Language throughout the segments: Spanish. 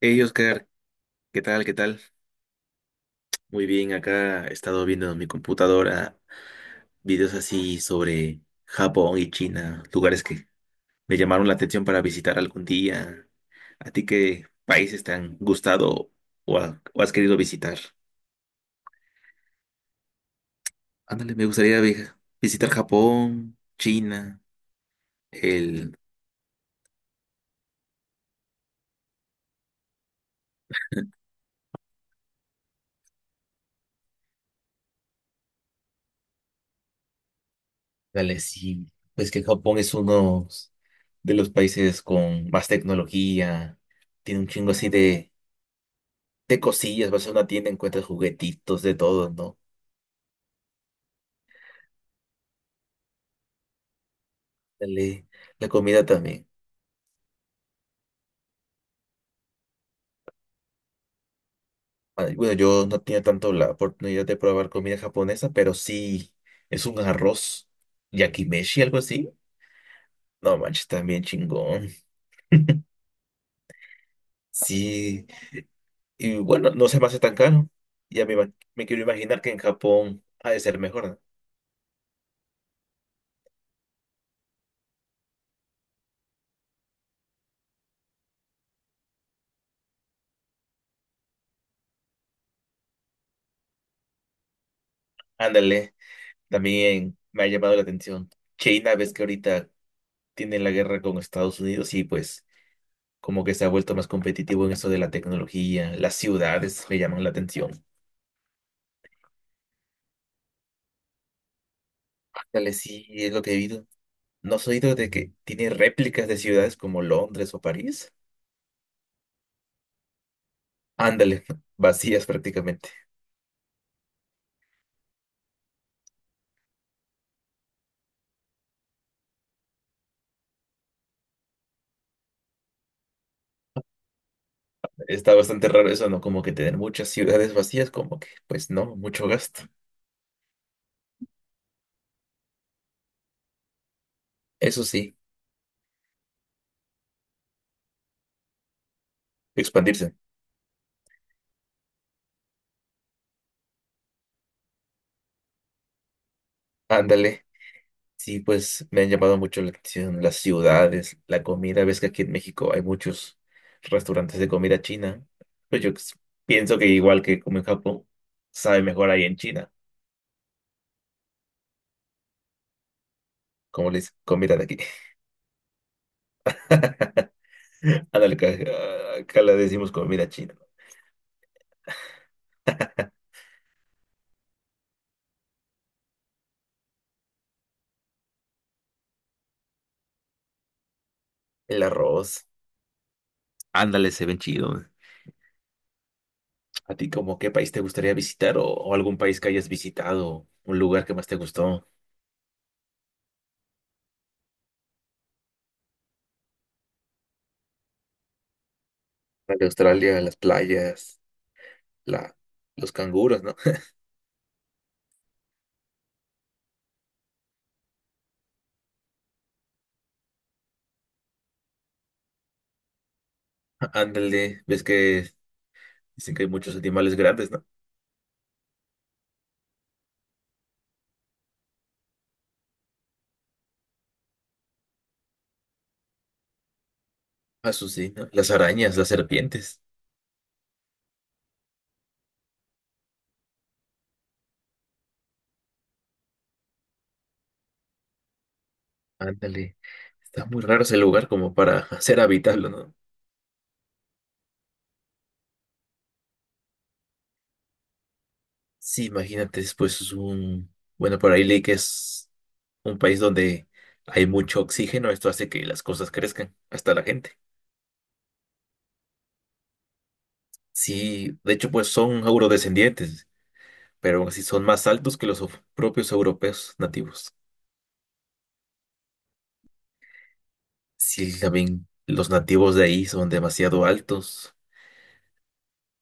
Hey Oscar, ¿qué tal? Muy bien, acá he estado viendo en mi computadora videos así sobre Japón y China, lugares que me llamaron la atención para visitar algún día. ¿A ti qué países te han gustado o, o has querido visitar? Ándale, me gustaría visitar Japón, China, el... Dale, sí, pues que Japón es uno de los países con más tecnología, tiene un chingo así de cosillas, vas a una tienda, encuentras juguetitos, de todo, ¿no? Dale, la comida también. Ah, bueno, yo no tenía tanto la oportunidad de probar comida japonesa, pero sí es un arroz yakimeshi, algo así. No manches, también chingón. Sí, y bueno, no se me hace tan caro. Me quiero imaginar que en Japón ha de ser mejor, ¿no? Ándale, también me ha llamado la atención. China, ves que ahorita tiene la guerra con Estados Unidos y pues como que se ha vuelto más competitivo en eso de la tecnología, las ciudades me llaman la atención. Dale, sí, es lo que he oído. ¿No has oído de que tiene réplicas de ciudades como Londres o París? Ándale, vacías prácticamente. Está bastante raro eso, ¿no? Como que tener muchas ciudades vacías, como que, pues no, mucho gasto. Eso sí, expandirse. Ándale. Sí, pues me han llamado mucho la atención las ciudades, la comida. Ves que aquí en México hay muchos restaurantes de comida china. Pues yo pienso que igual que como en Japón, sabe mejor ahí en China, como les comida de aquí. Ándale, acá, acá le decimos comida china. ¿No? El arroz. Ándale, se ven chido. ¿A ti como qué país te gustaría visitar o algún país que hayas visitado? ¿Un lugar que más te gustó? De Australia, las playas, la, los canguros, ¿no? Ándale, ves que dicen que hay muchos animales grandes, ¿no? Azucena, las arañas, las serpientes. Ándale. Está muy raro ese lugar como para hacer habitable, ¿no? Sí, imagínate, después es un... Bueno, por ahí leí que es un país donde hay mucho oxígeno. Esto hace que las cosas crezcan, hasta la gente. Sí, de hecho, pues son eurodescendientes, pero aún así son más altos que los propios europeos nativos. Sí, también los nativos de ahí son demasiado altos.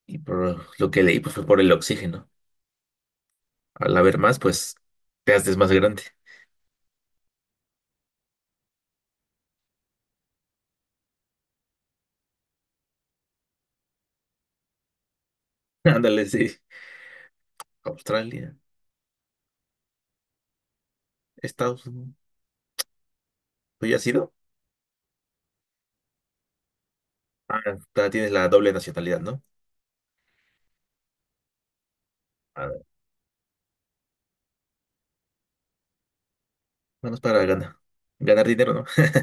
Y por lo que leí, pues fue por el oxígeno. Al haber más, pues te haces más grande. Ándale, sí. Australia, Estados Unidos. ¿Tú ya has ido? Ah, tienes la doble nacionalidad, ¿no? Ah, nada más para ganar. Ganar dinero, ¿no?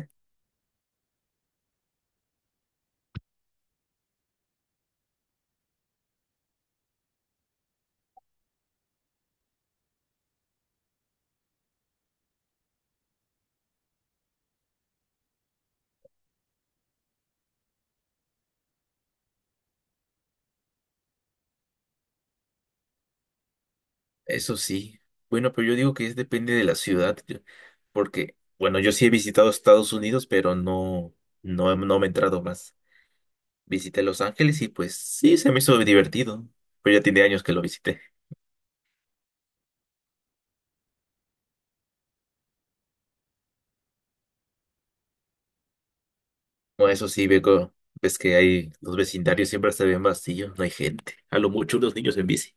Eso sí. Bueno, pero yo digo que es depende de la ciudad. Porque, bueno, yo sí he visitado Estados Unidos, pero no me he entrado más. Visité Los Ángeles y pues sí, se me hizo divertido. Pero ya tiene años que lo visité. Bueno, eso sí, Beco, ves que hay los vecindarios siempre se ven vacíos, no hay gente. A lo mucho unos niños en bici.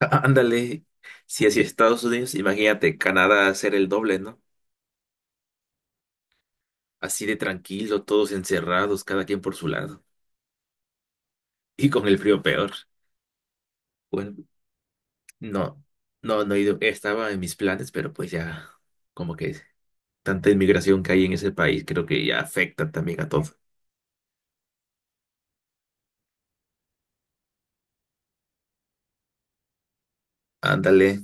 Ándale, si así Estados Unidos, imagínate Canadá hacer el doble, ¿no? Así de tranquilo, todos encerrados, cada quien por su lado. Y con el frío peor. Bueno, no, no, no he ido, estaba en mis planes, pero pues ya, como que tanta inmigración que hay en ese país, creo que ya afecta también a todo. Ándale,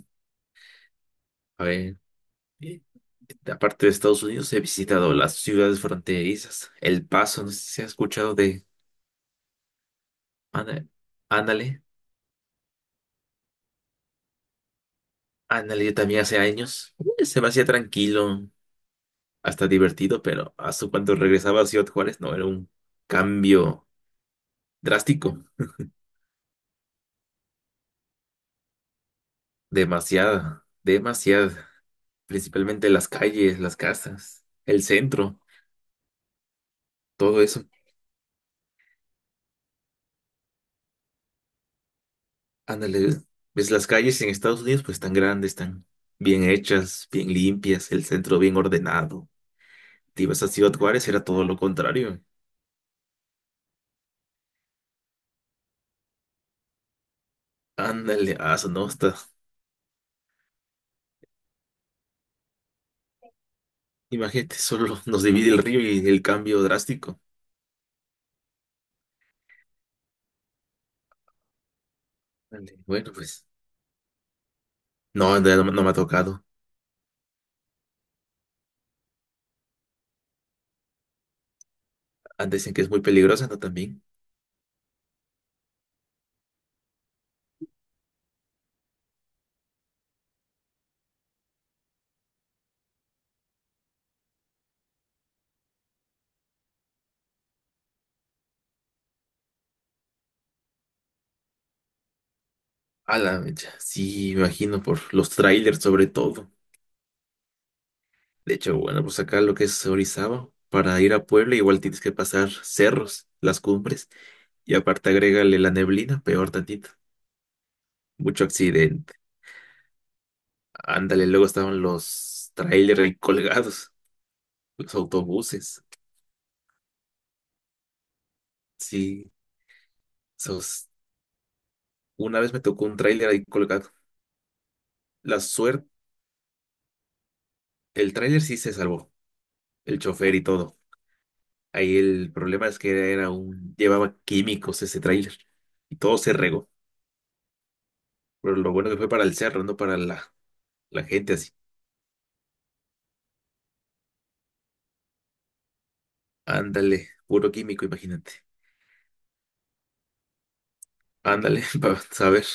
a ver. Aparte de Estados Unidos, he visitado las ciudades fronterizas. El Paso, no sé si has escuchado de Ana- ándale. Ándale, yo también hace años. Se me hacía tranquilo, hasta divertido, pero hasta cuando regresaba a Ciudad Juárez, no, era un cambio drástico. Demasiada, demasiada. Principalmente las calles, las casas, el centro, todo eso. Ándale, ves las calles en Estados Unidos, pues tan grandes, tan bien hechas, bien limpias, el centro bien ordenado. Te ibas a Ciudad Juárez, era todo lo contrario. Ándale, ah, eso no está. Imagínate, solo nos divide el río y el cambio drástico. Ándale, bueno, pues, no me ha tocado. Antes dicen que es muy peligrosa, ¿no? También. A la mecha, sí, me imagino, por los trailers sobre todo. De hecho, bueno, pues acá lo que es Orizaba, para ir a Puebla igual tienes que pasar cerros, las cumbres, y aparte agrégale la neblina, peor tantito. Mucho accidente. Ándale, luego estaban los trailers ahí colgados. Los autobuses. Sí, esos. Una vez me tocó un tráiler ahí colgado. La suerte, el tráiler sí se salvó, el chofer y todo. Ahí el problema es que era un, llevaba químicos ese tráiler y todo se regó. Pero lo bueno que fue para el cerro, no para la, la gente así. Ándale, puro químico, imagínate. Ándale, para saber.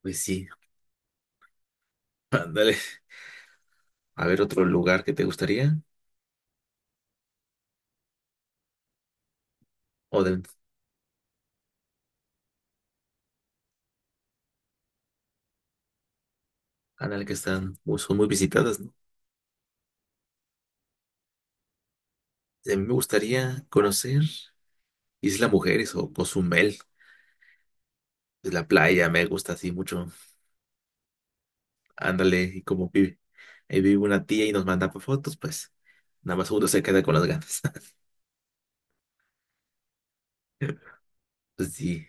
Pues sí, ándale. A ver otro lugar que te gustaría o de ándale que están, pues, son muy visitadas, ¿no? A mí me gustaría conocer. Isla Mujeres o Cozumel. Es la playa, me gusta así mucho. Ándale, y como vive. Ahí vive una tía y nos manda pa' fotos, pues nada más uno se queda con las ganas. Pues sí,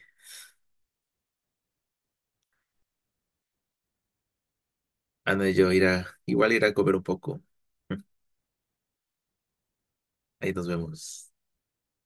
Ana y yo irá, igual irá a comer un poco. Ahí nos vemos.